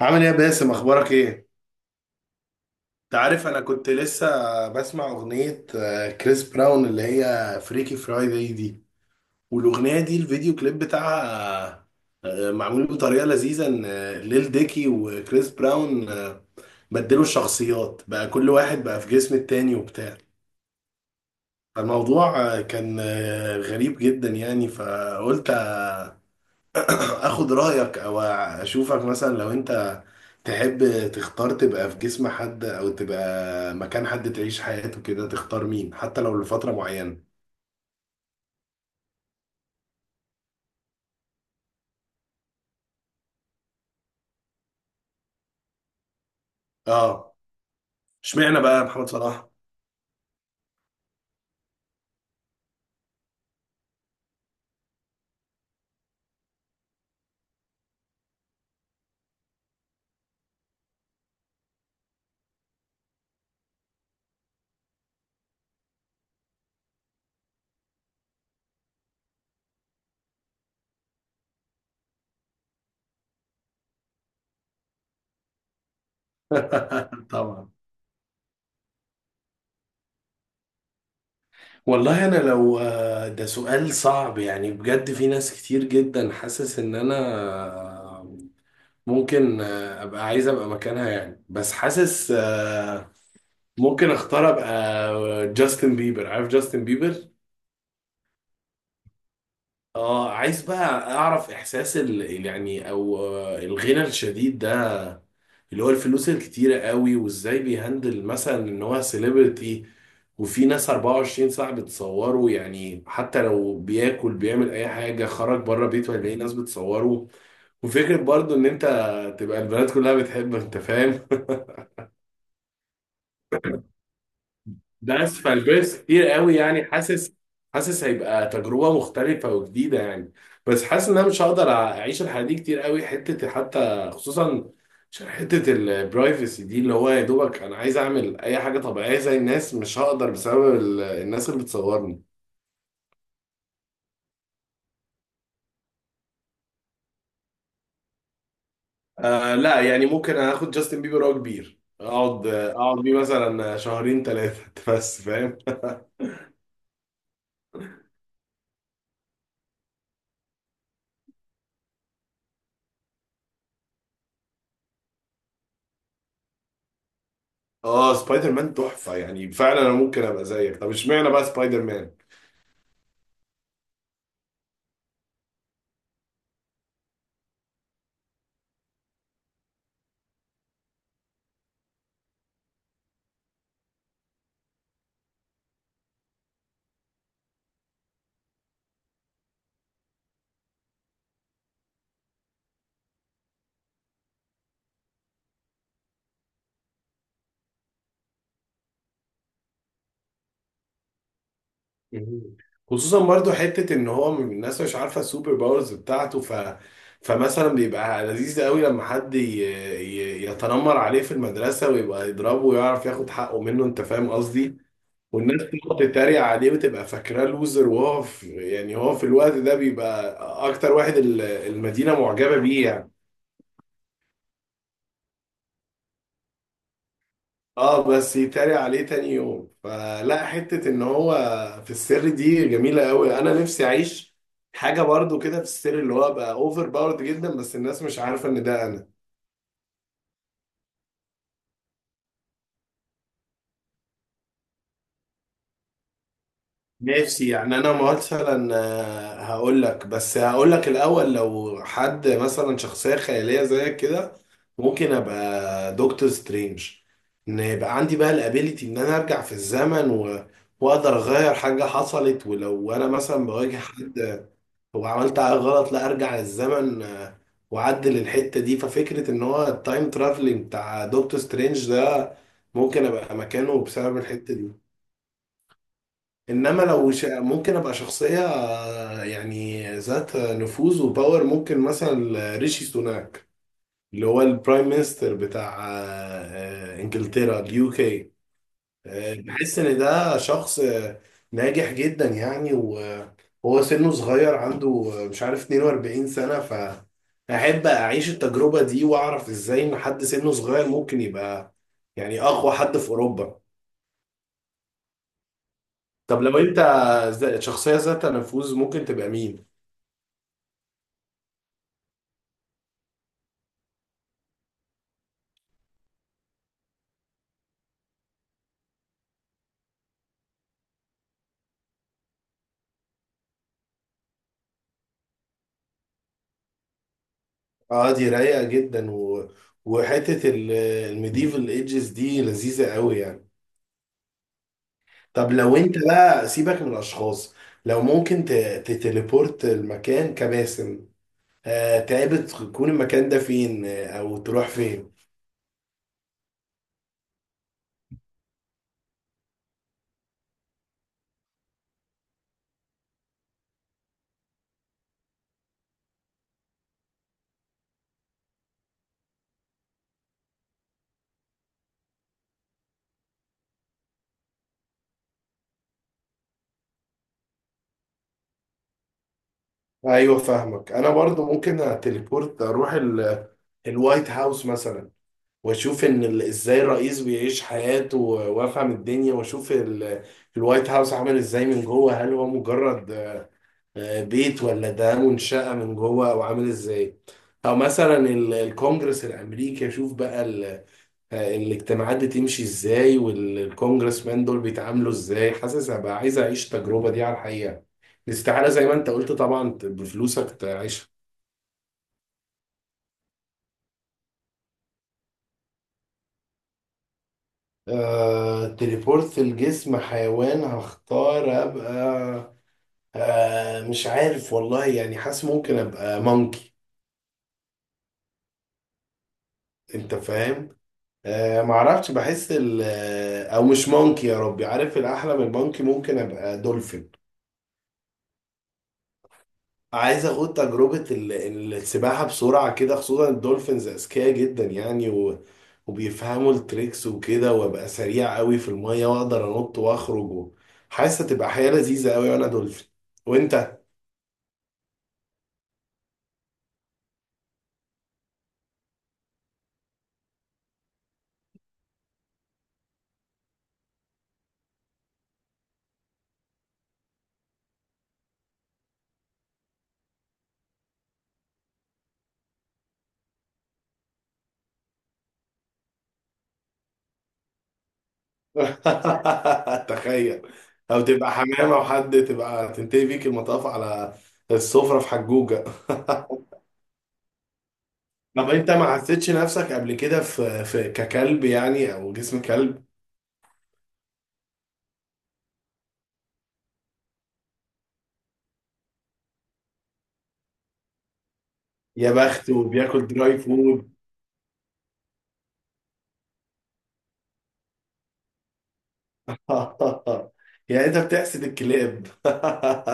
عامل ايه يا باسم، اخبارك ايه؟ انت عارف انا كنت لسه بسمع اغنية كريس براون اللي هي فريكي فرايداي دي. والاغنية دي الفيديو كليب بتاعها معمول بطريقة لذيذة، ان ليل ديكي وكريس براون بدلوا الشخصيات بقى، كل واحد بقى في جسم التاني وبتاع. فالموضوع كان غريب جدا يعني، فقلت اخد رايك او اشوفك مثلا. لو انت تحب تختار تبقى في جسم حد او تبقى مكان حد تعيش حياته كده، تختار مين حتى لو لفتره معينه؟ اه، اشمعنى بقى محمد صلاح؟ طبعا. والله انا لو ده سؤال صعب يعني، بجد في ناس كتير جدا حاسس ان انا آه، ممكن ابقى عايز ابقى مكانها يعني، بس حاسس ممكن اختار ابقى جاستن بيبر. عارف جاستن بيبر؟ اه، عايز بقى اعرف احساس يعني او الغنى الشديد ده، اللي هو الفلوس الكتيرة قوي، وازاي بيهندل مثلا ان هو سيلبرتي، وفي ناس 24 ساعة بتصوره يعني. حتى لو بياكل بيعمل اي حاجة، خرج بره بيته هيلاقي ناس بتصوره. وفكرة برضو ان انت تبقى البنات كلها بتحبك، انت فاهم. ده اسفل بيرث كتير قوي يعني، حاسس هيبقى تجربه مختلفه وجديده يعني. بس حاسس ان انا مش هقدر اعيش الحياه دي كتير قوي، حته حتى خصوصا عشان حته البرايفسي دي، اللي هو يا دوبك انا عايز اعمل اي حاجه طبيعيه زي الناس، مش هقدر بسبب الناس اللي بتصورني. آه لا، يعني ممكن اخد جاستن بيبر وهو كبير، اقعد بيه مثلا شهرين ثلاثه بس فاهم. اه، سبايدر مان تحفه يعني، فعلا انا ممكن ابقى زيك. طب اشمعنى بقى سبايدر مان؟ مم. خصوصا برضو حتة ان هو من الناس مش عارفة السوبر باورز بتاعته، فمثلا بيبقى لذيذ قوي لما حد يتنمر عليه في المدرسة، ويبقى يضربه ويعرف ياخد حقه منه، انت فاهم قصدي. والناس تقعد تتريق عليه وتبقى فاكراه لوزر، وهو يعني هو في الوقت ده بيبقى اكتر واحد المدينة معجبة بيه يعني. اه بس يتريق عليه تاني يوم، فلا، حتة ان هو في السر دي جميلة قوي، انا نفسي اعيش حاجة برضو كده في السر اللي هو بقى اوفر باورد جدا، بس الناس مش عارفة ان ده انا. نفسي يعني. انا مثلا هقول لك، بس هقول لك الاول. لو حد مثلا شخصية خيالية زيك كده، ممكن ابقى دكتور سترينج، ان يبقى عندي بقى الابيليتي ان انا ارجع في الزمن واقدر اغير حاجة حصلت. ولو انا مثلا بواجه حد، هو عملت غلط، لا ارجع للزمن واعدل الحته دي. ففكره ان هو التايم ترافلنج بتاع دكتور سترينج ده، ممكن ابقى مكانه بسبب الحته دي. انما لو ممكن ابقى شخصيه يعني ذات نفوذ وباور، ممكن مثلا ريشي سوناك اللي هو البرايم مينستر بتاع انجلترا، اليو كي. بحس ان ده شخص ناجح جدا يعني، وهو سنه صغير عنده مش عارف 42 سنة. فأحب أعيش التجربة دي وأعرف إزاي إن حد سنه صغير ممكن يبقى يعني أقوى حد في أوروبا. طب لو أنت شخصية ذات نفوذ، ممكن تبقى مين؟ اه دي رايقة جدا وحتة الميديفال ايدجز دي لذيذة قوي يعني. طب لو انت بقى سيبك من الاشخاص، لو ممكن تتليبورت المكان كباسم، تعبت تكون المكان ده فين، او تروح فين؟ ايوه فاهمك. انا برضو ممكن اتليبورت اروح الوايت هاوس مثلا، واشوف ان ازاي الرئيس بيعيش حياته، وافهم الدنيا، واشوف الوايت هاوس عامل ازاي من جوه، هل هو مجرد بيت ولا ده منشأة من جوه او عامل ازاي؟ او مثلا الكونجرس الامريكي اشوف بقى الاجتماعات دي تمشي ازاي، والكونجرس مان دول بيتعاملوا ازاي. حاسس هبقى عايز اعيش التجربة دي على الحقيقة، الاستعارة زي ما انت قلت طبعا، بفلوسك تعيشها. تليبورت الجسم حيوان، هختار ابقى مش عارف والله يعني. حاسس ممكن ابقى مونكي، انت فاهم. آه معرفش، بحس او مش مونكي، يا ربي، عارف الاحلى من المونكي؟ ممكن ابقى دولفين. عايز اخد تجربة السباحة بسرعة كده، خصوصا الدولفينز اذكياء جدا يعني، وبيفهموا التريكس وكده، وابقى سريع قوي في المية واقدر انط واخرج حاسس هتبقى حياة لذيذة قوي وانا دولفين. وانت؟ تخيل. او تبقى حمامة وحد، تبقى تنتهي بيك المطاف على السفرة في حجوجة طب انت ما حسيتش نفسك قبل كده في ككلب يعني، او جسم كلب؟ يا بخت، وبياكل دراي فود. يعني انت بتحسد الكلاب؟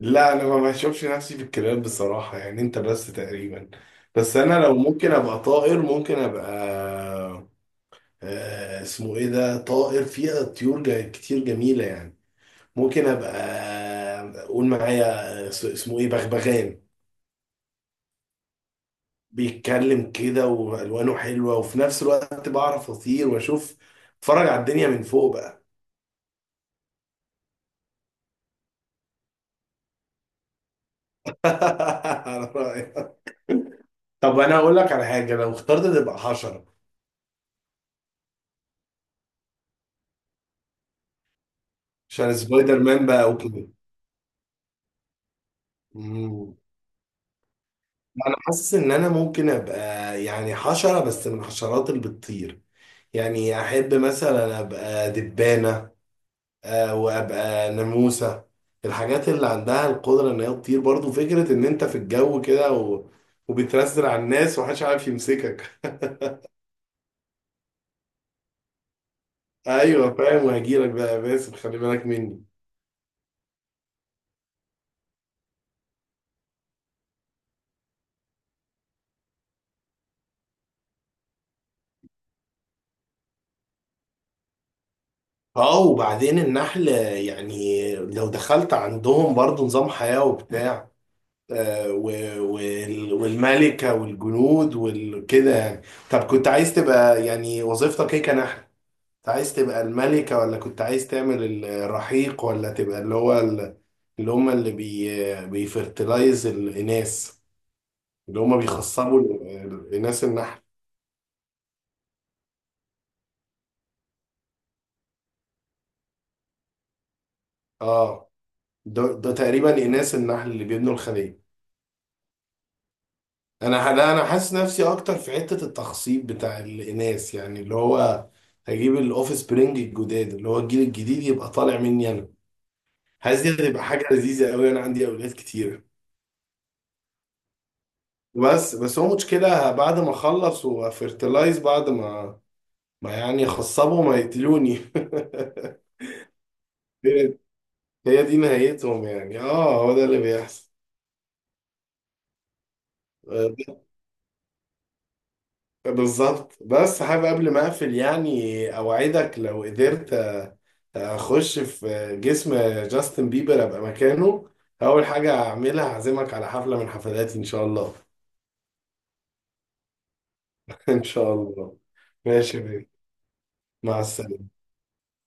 لا انا ما بشوفش نفسي في الكلاب بصراحة يعني، انت بس تقريبا. بس انا لو ممكن ابقى طائر، ممكن ابقى اسمه ايه ده؟ طائر فيها طيور كتير جميلة يعني. ممكن ابقى، قول معايا، اسمه ايه، بغبغان. بيتكلم كده والوانه حلوة، وفي نفس الوقت بعرف اطير واشوف، اتفرج على الدنيا من فوق بقى. على رأيك. طب انا هقول لك على حاجه، لو اخترت تبقى حشره، عشان سبايدر مان بقى، اوكي. مم. انا حاسس ان انا ممكن ابقى يعني حشره، بس من الحشرات اللي بتطير. يعني احب مثلا ابقى دبانه، وابقى ناموسه. الحاجات اللي عندها القدره ان هي تطير، برضو فكره ان انت في الجو كده وبترسل على الناس ومحدش عارف يمسكك. ايوه فاهم، وهجيلك بقى يا باسم، خلي بالك مني. اه، وبعدين النحل يعني لو دخلت عندهم برضو نظام حياة وبتاع، والملكة والجنود وكده يعني. طب كنت عايز تبقى يعني وظيفتك ايه كنحل؟ كنت عايز تبقى الملكة، ولا كنت عايز تعمل الرحيق، ولا تبقى اللي هو اللي هم اللي بيفرتلايز الإناث، اللي هم بيخصبوا الإناث النحل؟ اه، ده تقريبا إناث النحل اللي بيبنوا الخلية. انا لا، انا حاسس نفسي اكتر في حته التخصيب بتاع الاناث يعني، اللي هو هجيب الاوف سبرينج الجداد، اللي هو الجيل الجديد يبقى طالع مني انا. حاسس دي هتبقى حاجه لذيذه قوي، انا عندي اولاد كتير. بس هو مشكله، بعد ما اخلص وافرتلايز، بعد ما يعني خصبوا، ما يقتلوني. هي هي دي نهايتهم يعني. اه هو ده اللي بيحصل. بالظبط. بس حابب قبل ما اقفل يعني، اوعدك لو قدرت اخش في جسم جاستن بيبر ابقى مكانه، اول حاجه هعملها هعزمك على حفله من حفلاتي ان شاء الله. ان شاء الله. ماشي يا بيه. مع السلامه.